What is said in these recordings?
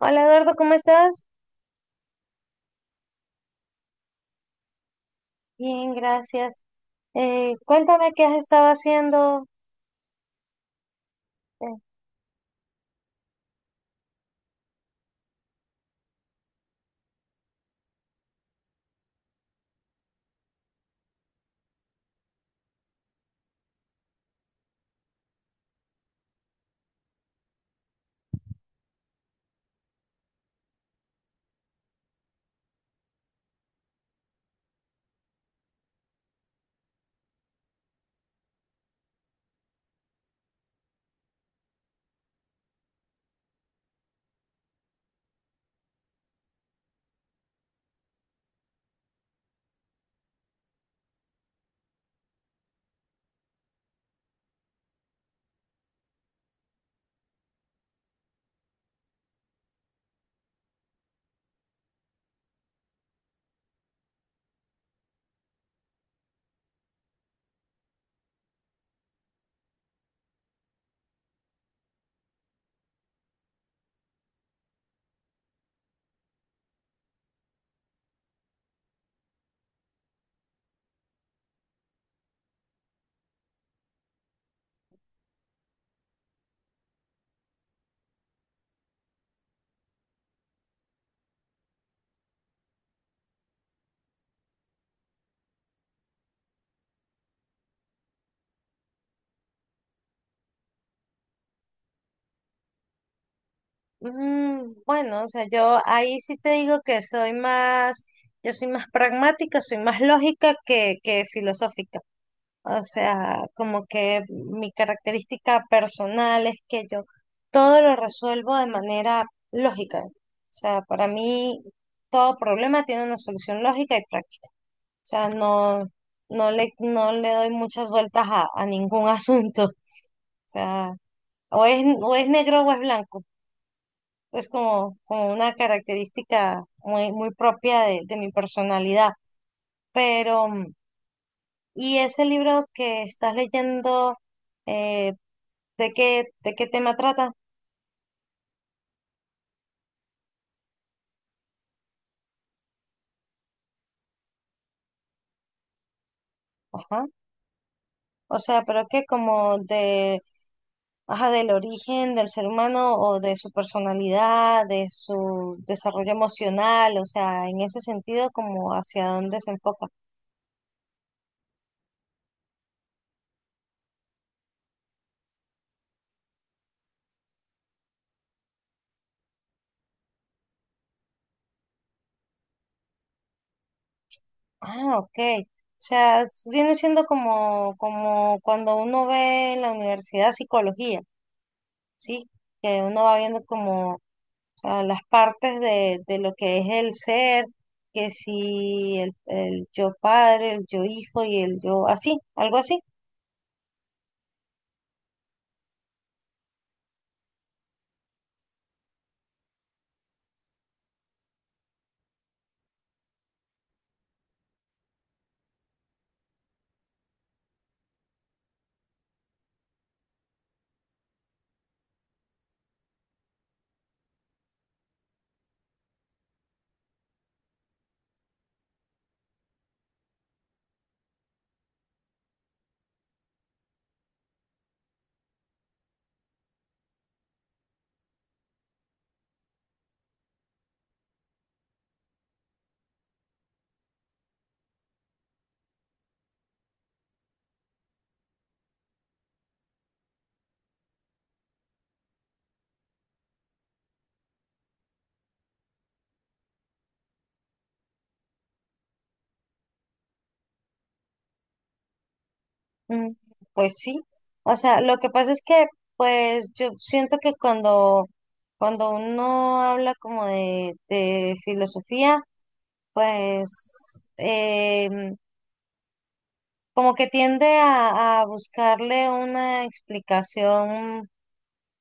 Hola Eduardo, ¿cómo estás? Bien, gracias. Cuéntame qué has estado haciendo. Eh, bueno, o sea, yo ahí sí te digo que yo soy más pragmática, soy más lógica que filosófica. O sea, como que mi característica personal es que yo todo lo resuelvo de manera lógica. O sea, para mí todo problema tiene una solución lógica y práctica. Sea, no le doy muchas vueltas a ningún asunto. O sea, o es negro o es blanco. Es como una característica muy propia de mi personalidad. Pero, ¿y ese libro que estás leyendo, eh, de qué tema trata? Ajá. O sea, pero que como de ajá, del origen del ser humano o de su personalidad, de su desarrollo emocional, o sea, en ese sentido, como hacia dónde se enfoca. Ah, ok. O sea, viene siendo como, como cuando uno ve en la universidad psicología, ¿sí? Que uno va viendo como, o sea, las partes de lo que es el ser, que si el yo padre, el yo hijo y el yo así, algo así. Mm, Pues sí, o sea, lo que pasa es pues yo siento que cuando uno habla como de filosofía, pues como que tiende a buscarle una explicación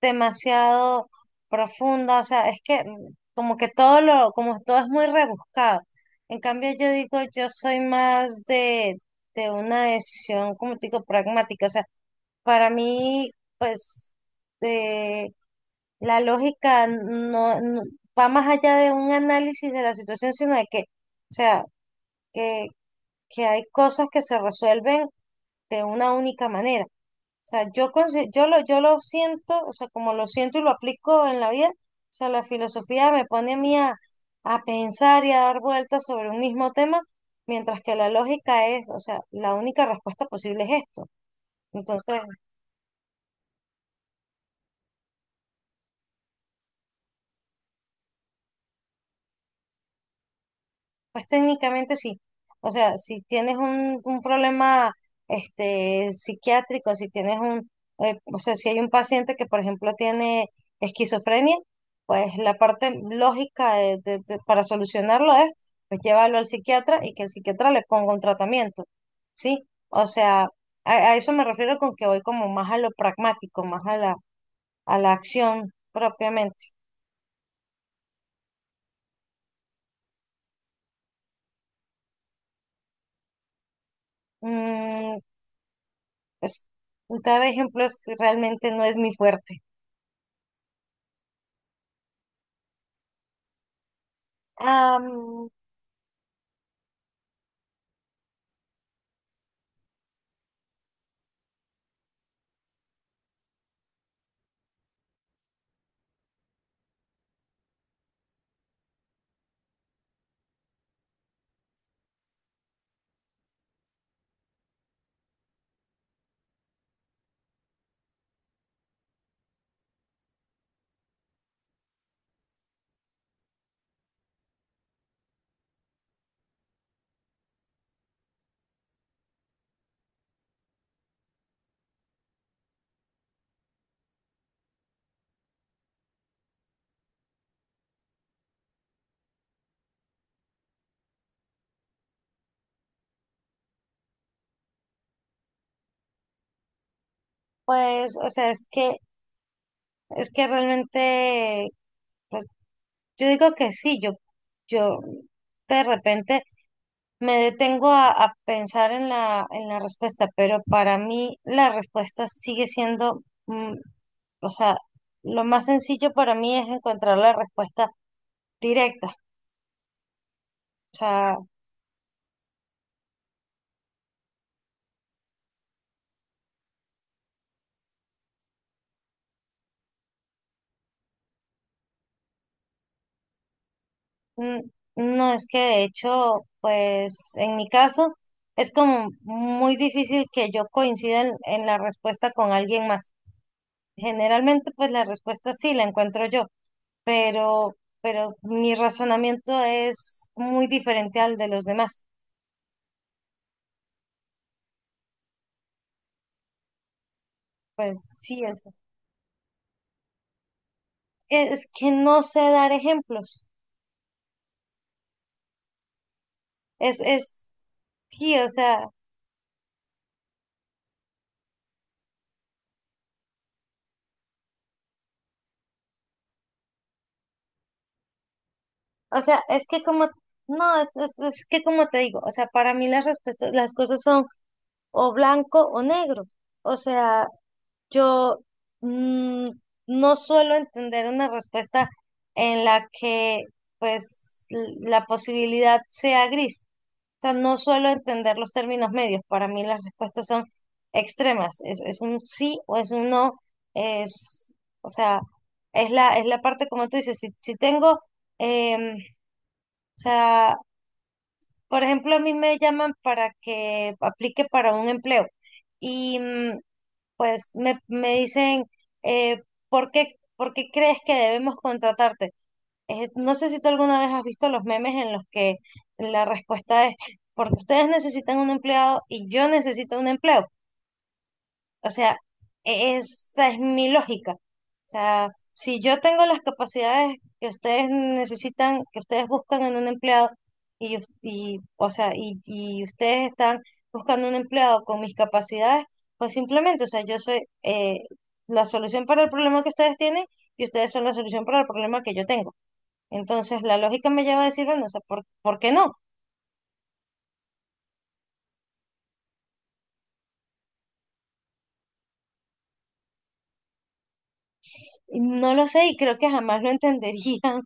demasiado profunda, o sea, es que como que todo lo, como todo es muy rebuscado. En cambio, yo digo, yo soy más de una decisión, como te digo, pragmática, o sea, para mí, pues, eh, la lógica va más allá de un análisis de la situación, sino de que, o sea, que, que hay cosas que se resuelven de una única manera. O sea, yo lo siento, o sea, como lo siento y lo aplico en la vida, o sea, la filosofía me pone a mí a pensar y a dar vueltas sobre un mismo tema, mientras que la lógica es, o sea, la única respuesta posible es esto. Entonces, pues técnicamente sí. O sea, si tienes un problema este, psiquiátrico, si tienes un, o sea, si hay un paciente que, por ejemplo, tiene esquizofrenia, pues la parte lógica para solucionarlo es, pues llevarlo al psiquiatra y que el psiquiatra le ponga un tratamiento, ¿sí? O sea, a eso me refiero con que voy como más a lo pragmático, más a a la acción propiamente. Mm, pues, dar ejemplos realmente no es mi fuerte. Am, pues, o sea, es es que realmente, pues, yo digo que sí, yo de repente me detengo a pensar en en la respuesta, pero para mí la respuesta sigue siendo, mm, o sea, lo más sencillo para mí es encontrar la respuesta directa. O sea, mm, no es que de hecho, pues, en mi caso, es como muy difícil que yo coincida en la respuesta con alguien más. Generalmente, pues la respuesta sí la encuentro yo, pero, pero mi razonamiento es muy diferente al de los demás. Pues sí, es que no sé dar ejemplos. Es, es, sí, o sea, es que como, no, es que como te digo, o sea, para mí las respuestas, las cosas son o blanco o negro. O sea, yo mm, no suelo entender una respuesta en la que pues la posibilidad sea gris. O sea, no suelo entender los términos medios. Para mí las respuestas son extremas. Es un sí o es un no. Es, o sea, es la parte como tú dices. Si tengo, em, o sea, por ejemplo, a mí me llaman para que aplique para un empleo. Y pues me dicen, eh, por qué crees que debemos contratarte? No sé si tú alguna vez has visto los memes en los que la respuesta es, porque ustedes necesitan un empleado y yo necesito un empleo. O sea, esa es mi lógica. O sea, si yo tengo las capacidades que ustedes necesitan, que ustedes buscan en un empleado, o sea, y ustedes están buscando un empleado con mis capacidades, pues simplemente, o sea, yo soy la solución para el problema que ustedes tienen y ustedes son la solución para el problema que yo tengo. Entonces, la lógica me lleva a decir, bueno, o sea, ¿por qué no? Y no lo sé y creo que jamás lo entenderían.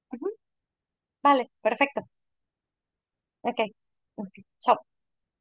Vale, perfecto. Ok, ok, chao.